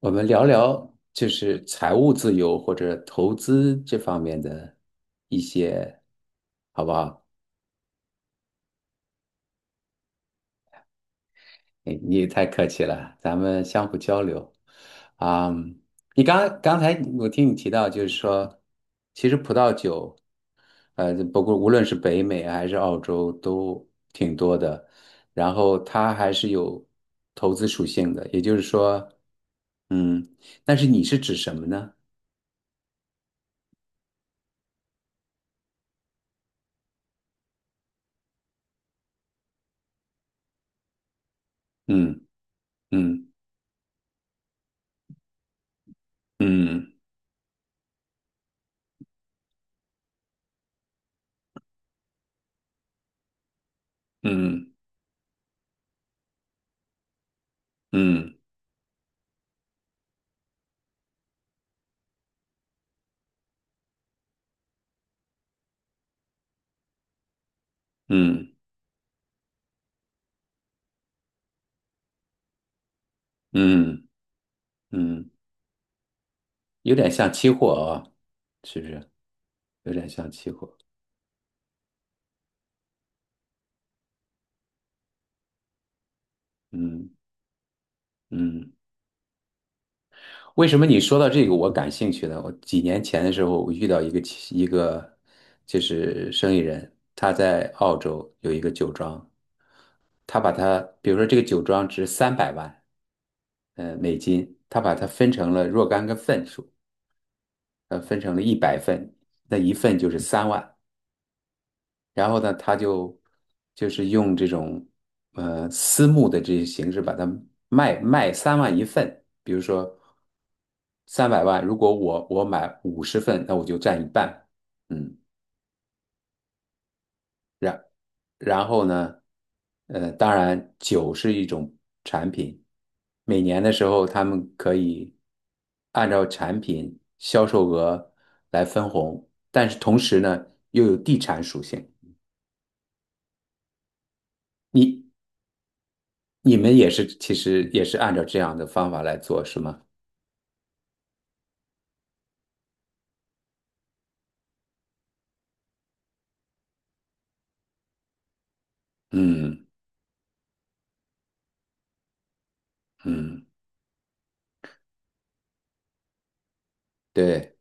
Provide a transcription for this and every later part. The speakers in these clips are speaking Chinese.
我们聊聊就是财务自由或者投资这方面的一些，好不好？你也太客气了，咱们相互交流。啊、你刚刚才我听你提到，就是说，其实葡萄酒，不过无论是北美啊还是澳洲都挺多的，然后它还是有投资属性的，也就是说，嗯，但是你是指什么呢？嗯嗯嗯嗯。嗯嗯嗯嗯嗯，有点像期货啊，是不是？有点像期货。嗯嗯，为什么你说到这个我感兴趣呢？我几年前的时候，我遇到一个就是生意人，他在澳洲有一个酒庄，他把它，比如说这个酒庄值三百万，美金，他把它分成了若干个份数，分成了一百份，那一份就是三万，然后呢，他就是用这种私募的这些形式把它卖3万1份，比如说三百万，如果我买50份，那我就占一半，嗯，然然后呢，当然酒是一种产品，每年的时候他们可以按照产品销售额来分红，但是同时呢又有地产属性。你。你们也是，其实也是按照这样的方法来做，是吗？嗯嗯，对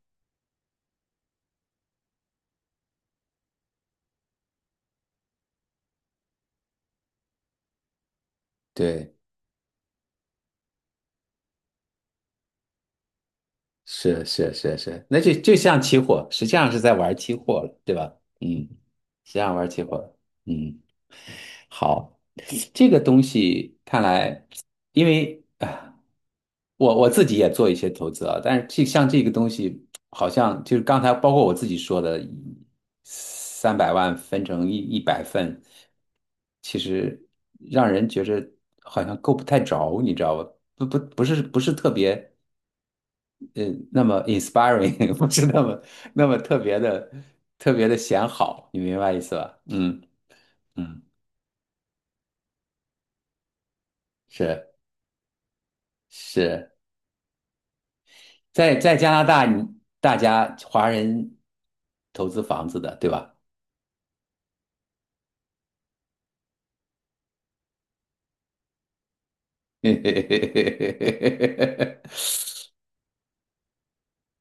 对，是是是是，那就像期货，实际上是在玩期货了，对吧？嗯，实际上玩期货，嗯。好，这个东西看来，因为啊，我自己也做一些投资啊，但是这像这个东西，好像就是刚才包括我自己说的，三百万分成一百份，其实让人觉着好像够不太着，你知道吧？不是特别呃那么 inspiring，不是那么特别的显好，你明白意思吧？嗯嗯，是是。在加拿大，大家华人投资房子的，对吧？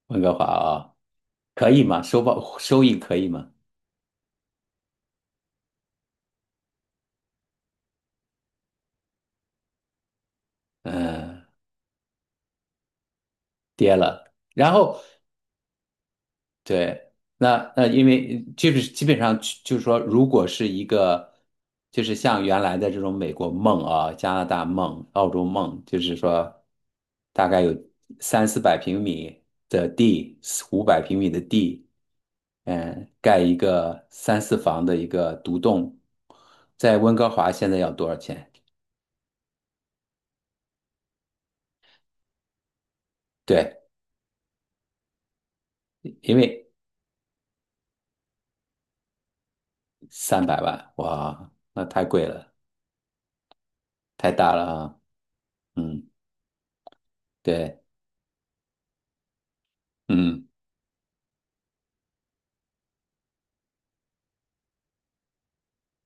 温哥华啊，可以吗？收益可以吗？嗯，跌了。然后对，那因为基本上就是说，如果是一个就是像原来的这种美国梦啊、加拿大梦、澳洲梦，就是说大概有3、400平米的地，500平米的地。嗯，盖一个三四房的一个独栋，在温哥华现在要多少钱？对，因为三百万，哇，那太贵了，太大了啊。嗯，对，嗯，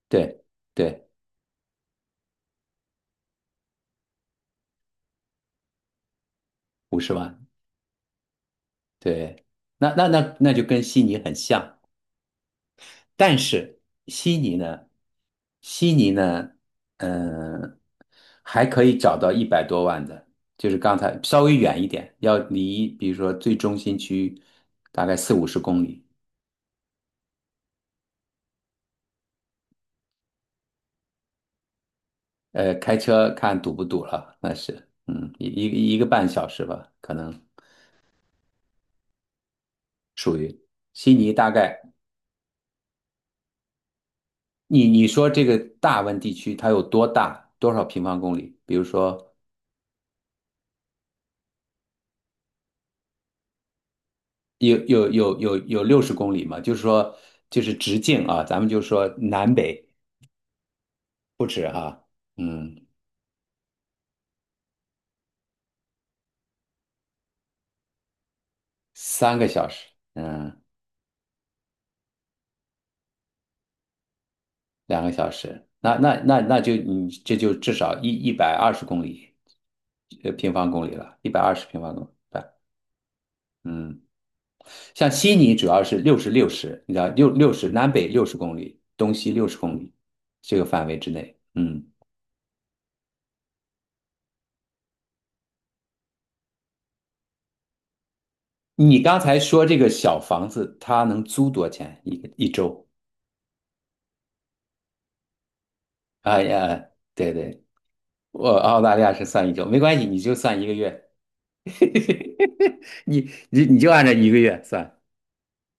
对，对，五十万，对，那就跟悉尼很像。但是悉尼呢，悉尼呢，嗯、还可以找到100多万的，就是刚才稍微远一点，要离比如说最中心区大概40-50公里，开车看堵不堵了，那是，一个半小时吧，可能悉尼大概，你说这个大温地区它有多大，多少平方公里？比如说有六十公里嘛，就是说就是直径啊，咱们就说南北。不止哈，嗯，3个小时，嗯，2个小时，那就你这就至少一百二十公里，平方公里了，120平方公里，嗯，像悉尼主要是六十六十，你知道六六十南北六十公里，东西六十公里这个范围之内，嗯，你刚才说这个小房子它能租多少钱一周？哎呀，对对，我澳大利亚是算一周，没关系，你就算一个月。你就按照一个月算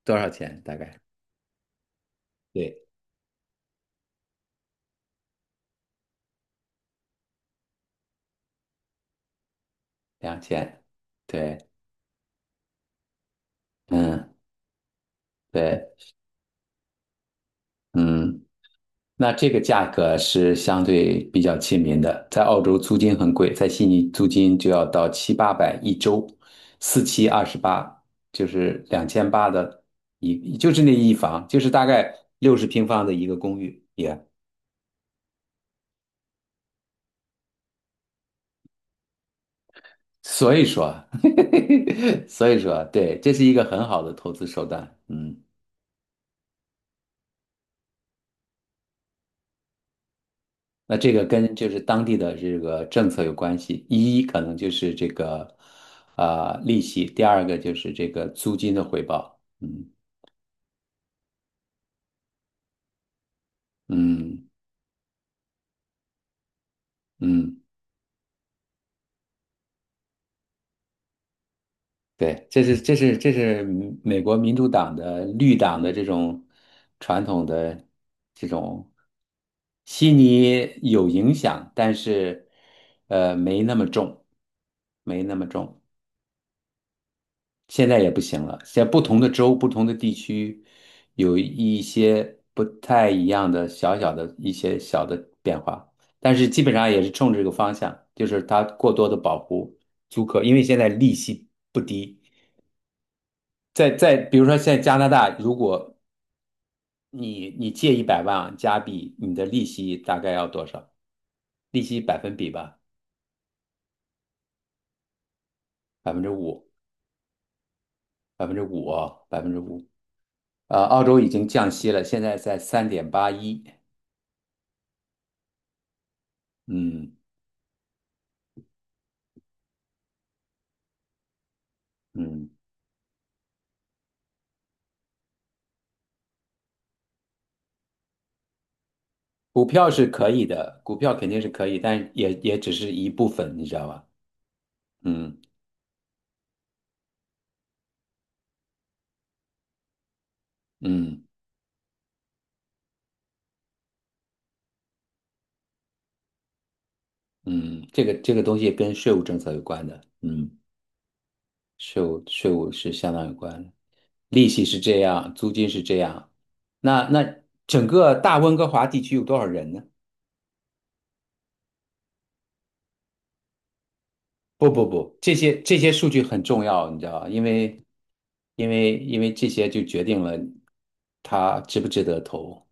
多少钱，大概对，两千，对，嗯，对，嗯，那这个价格是相对比较亲民的，在澳洲租金很贵，在悉尼租金就要到7、800一周，四七二十八，就是2800的一，就是那一房，就是大概60平方的一个公寓，所以说，所以说，对，这是一个很好的投资手段，嗯。那这个跟就是当地的这个政策有关系，可能就是这个利息，第二个就是这个租金的回报。嗯嗯嗯，对，这是美国民主党的绿党的这种传统的这种。悉尼有影响，但是没那么重，没那么重。现在也不行了。现在不同的州、不同的地区，有一些不太一样的小小的一些小的变化，但是基本上也是冲着这个方向，就是它过多的保护租客，因为现在利息不低。在比如说现在加拿大，如果你借100万加币，你的利息大概要多少？利息百分比吧，百分之五，百分之五哦，百分之五。澳洲已经降息了，现在在3.81。嗯，嗯，股票是可以的，股票肯定是可以，但也只是一部分，你知道吧？嗯嗯嗯，这个东西跟税务政策有关的，嗯，税务是相当有关的，利息是这样，租金是这样，那整个大温哥华地区有多少人呢？不不不，这些数据很重要，你知道吧？因为这些就决定了它值不值得投，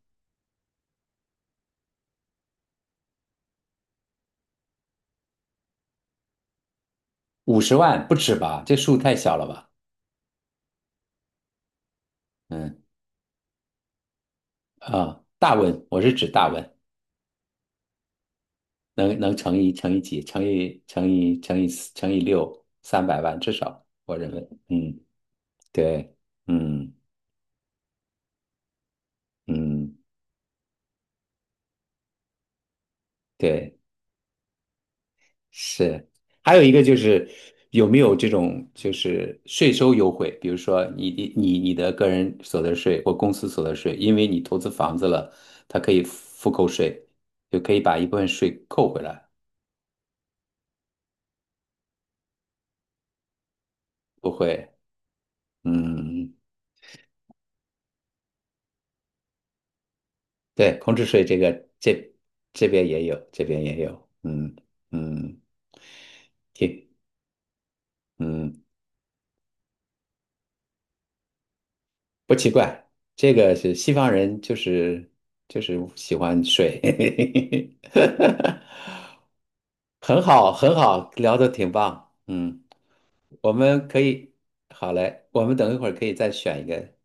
五十万不止吧？这数太小了吧？嗯。啊，大文，我是指大文，能乘以几，乘以四乘以六，三百万至少，我认为，嗯，对，嗯嗯，对，是。还有一个就是有没有这种就是税收优惠，比如说你的个人所得税或公司所得税，因为你投资房子了，它可以复扣税，就可以把一部分税扣回来，不会，嗯对，空置税这个这这边也有，这边也有，嗯嗯，挺嗯不奇怪，这个是西方人就是喜欢水，很好很好，聊的挺棒，嗯，我们可以好嘞，我们等一会儿可以再选一个